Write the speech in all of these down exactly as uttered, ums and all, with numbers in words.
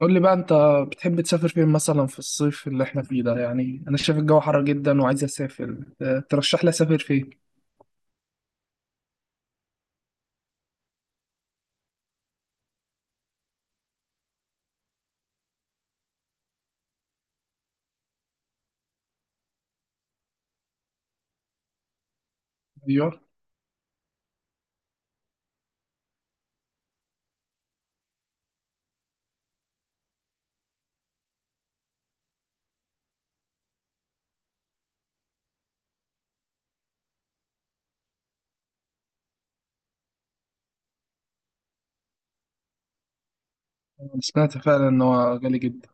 قول لي بقى انت بتحب تسافر فين مثلا في الصيف اللي احنا فيه ده؟ يعني انا شايف الجو حر جدا وعايز اسافر، اه، ترشح لي اسافر فين؟ ايوه. انا سمعت فعلا ان هو غالي جدا.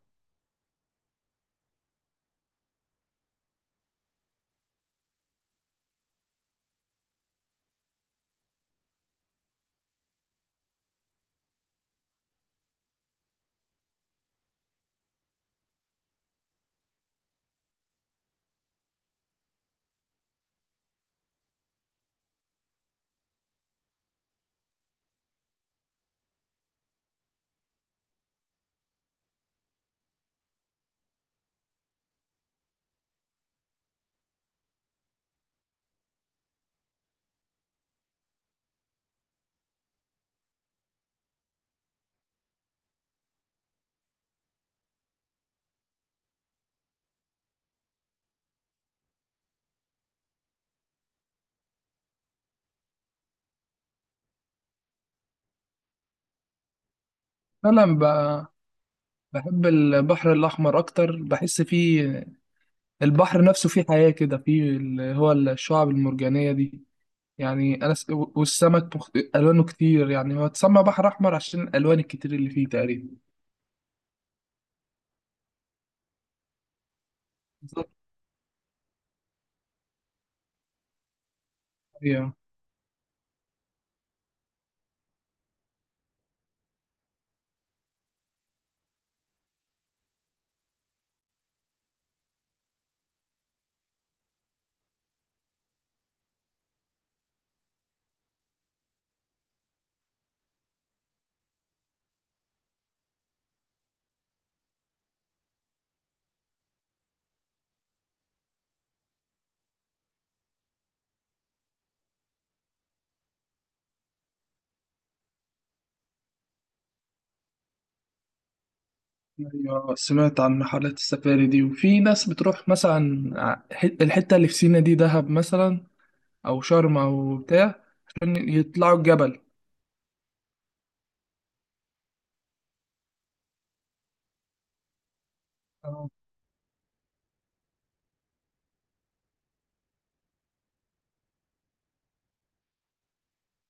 انا بقى بحب البحر الاحمر اكتر، بحس فيه البحر نفسه فيه حياة كده، فيه اللي هو الشعاب المرجانية دي. يعني انا س... والسمك مخت... الوانه كتير، يعني هو اتسمى بحر احمر عشان الالوان الكتير اللي فيه تقريبا. بالظبط، ايوه. أيوة، سمعت عن رحلات السفاري دي وفي ناس بتروح مثلا ح- الحتة اللي في سينا دي دهب مثلا، أو شرم أو بتاع عشان يطلعوا الجبل. أنا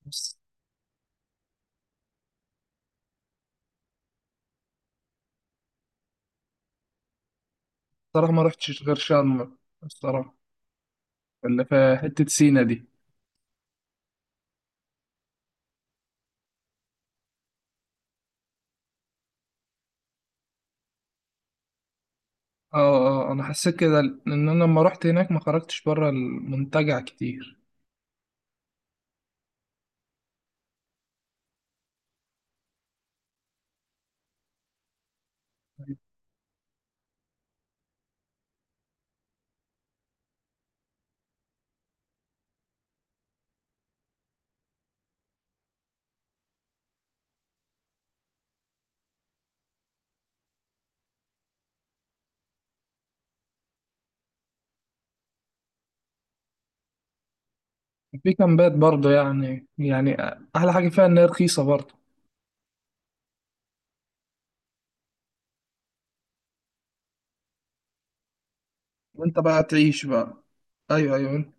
بس- الصراحة ما رحتش غير شرم. الصراحة اللي في حتة سينا دي، اه اه أنا حسيت كده إن أنا لما رحت هناك ما خرجتش بره المنتجع كتير. في كامبات برضه، يعني يعني أحلى حاجة فيها إن هي رخيصة برضه. وأنت بقى تعيش بقى. أيوه، أيوه.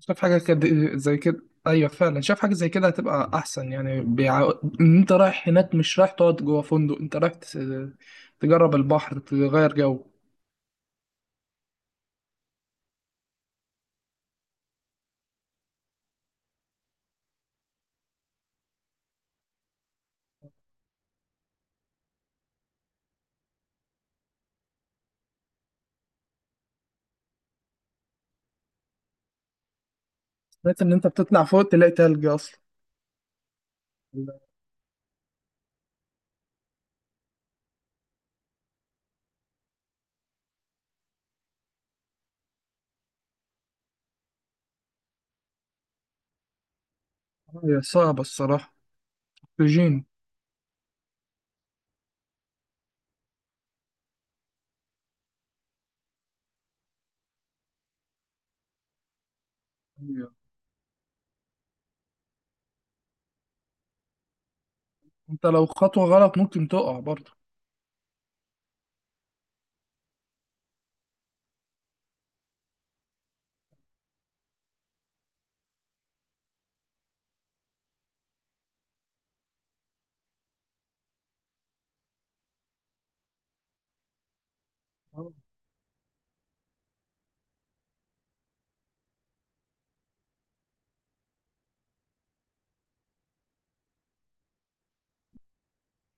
شاف حاجة كده زي كده. أيوة، فعلا شاف حاجة زي كده هتبقى أحسن، يعني بيع... إن أنت رايح هناك مش رايح تقعد جوه فندق، أنت رايح تس... تجرب البحر، تغير جو. لقيت إن أنت بتطلع فوق تلاقي تلج أصلا. لا، هي صعبة الصراحة. أكسجين. أيوة. أنت لو خطوة غلط ممكن تقع برضه. آه.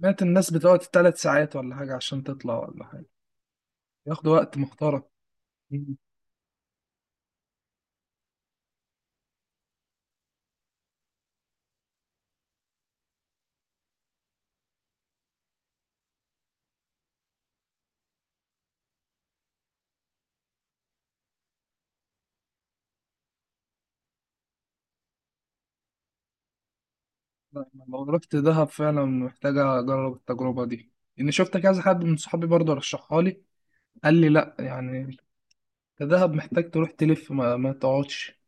سمعت الناس بتقعد ثلاث ساعات ولا حاجة عشان تطلع ولا حاجة، ياخدوا وقت محترم. مم. لا، أنا لو رحت دهب فعلا محتاجة أجرب التجربة دي، إني شفت كذا حد من صحابي برضه رشحها لي، قال لي لا يعني الذهب محتاج تروح تلف، ما, ما تقعدش،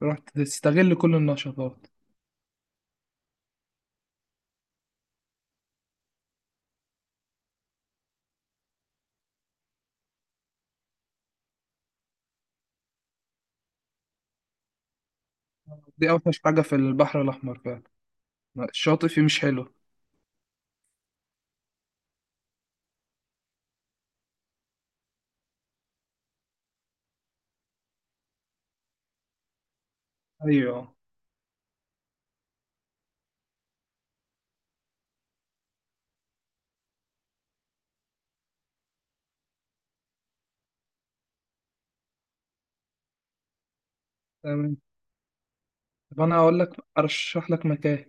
تروح تستغل كل النشاطات. دي اوحش حاجة في البحر الأحمر فعلا، الشاطئ فيه مش حلو. أيوه، تمام. طب أنا أقول لك أرشح لك مكان.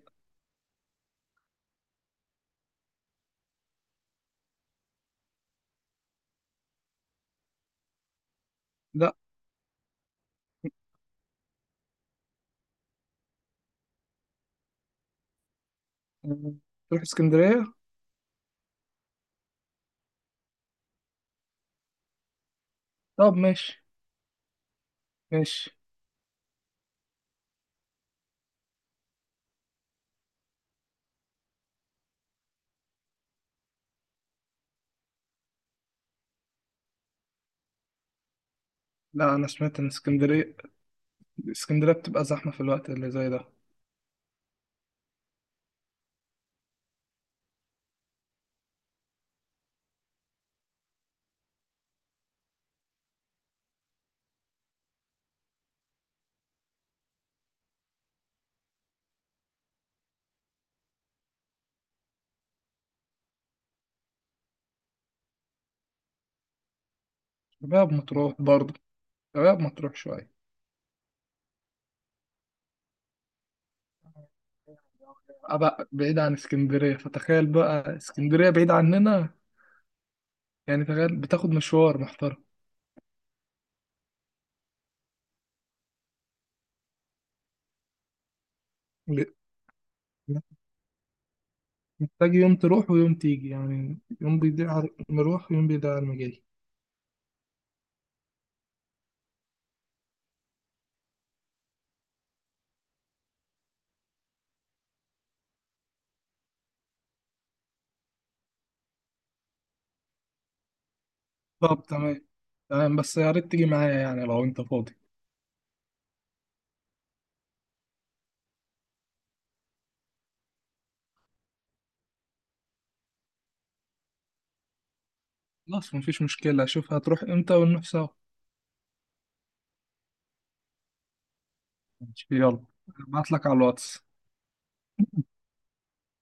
لا تروح اسكندرية. طب ماشي، ماشي. لا، أنا سمعت إن اسكندرية اسكندرية بتبقى زحمة في الوقت اللي زي ده. شباب مطروح برضه، شباب مطروح شوية. أبقى بعيد عن اسكندرية، فتخيل بقى اسكندرية بعيد عننا. يعني تخيل بتاخد مشوار محترم، ل- محتاج يوم تروح ويوم تيجي، يعني يوم بيضيع على المروح ويوم بيضيع على المجاي. طب تمام، تمام. بس يا ريت تيجي معايا يعني لو انت فاضي. خلاص، مفيش مشكلة، اشوف هتروح امتى ونروح سوا. ماشي، يلا، ابعت لك على الواتس.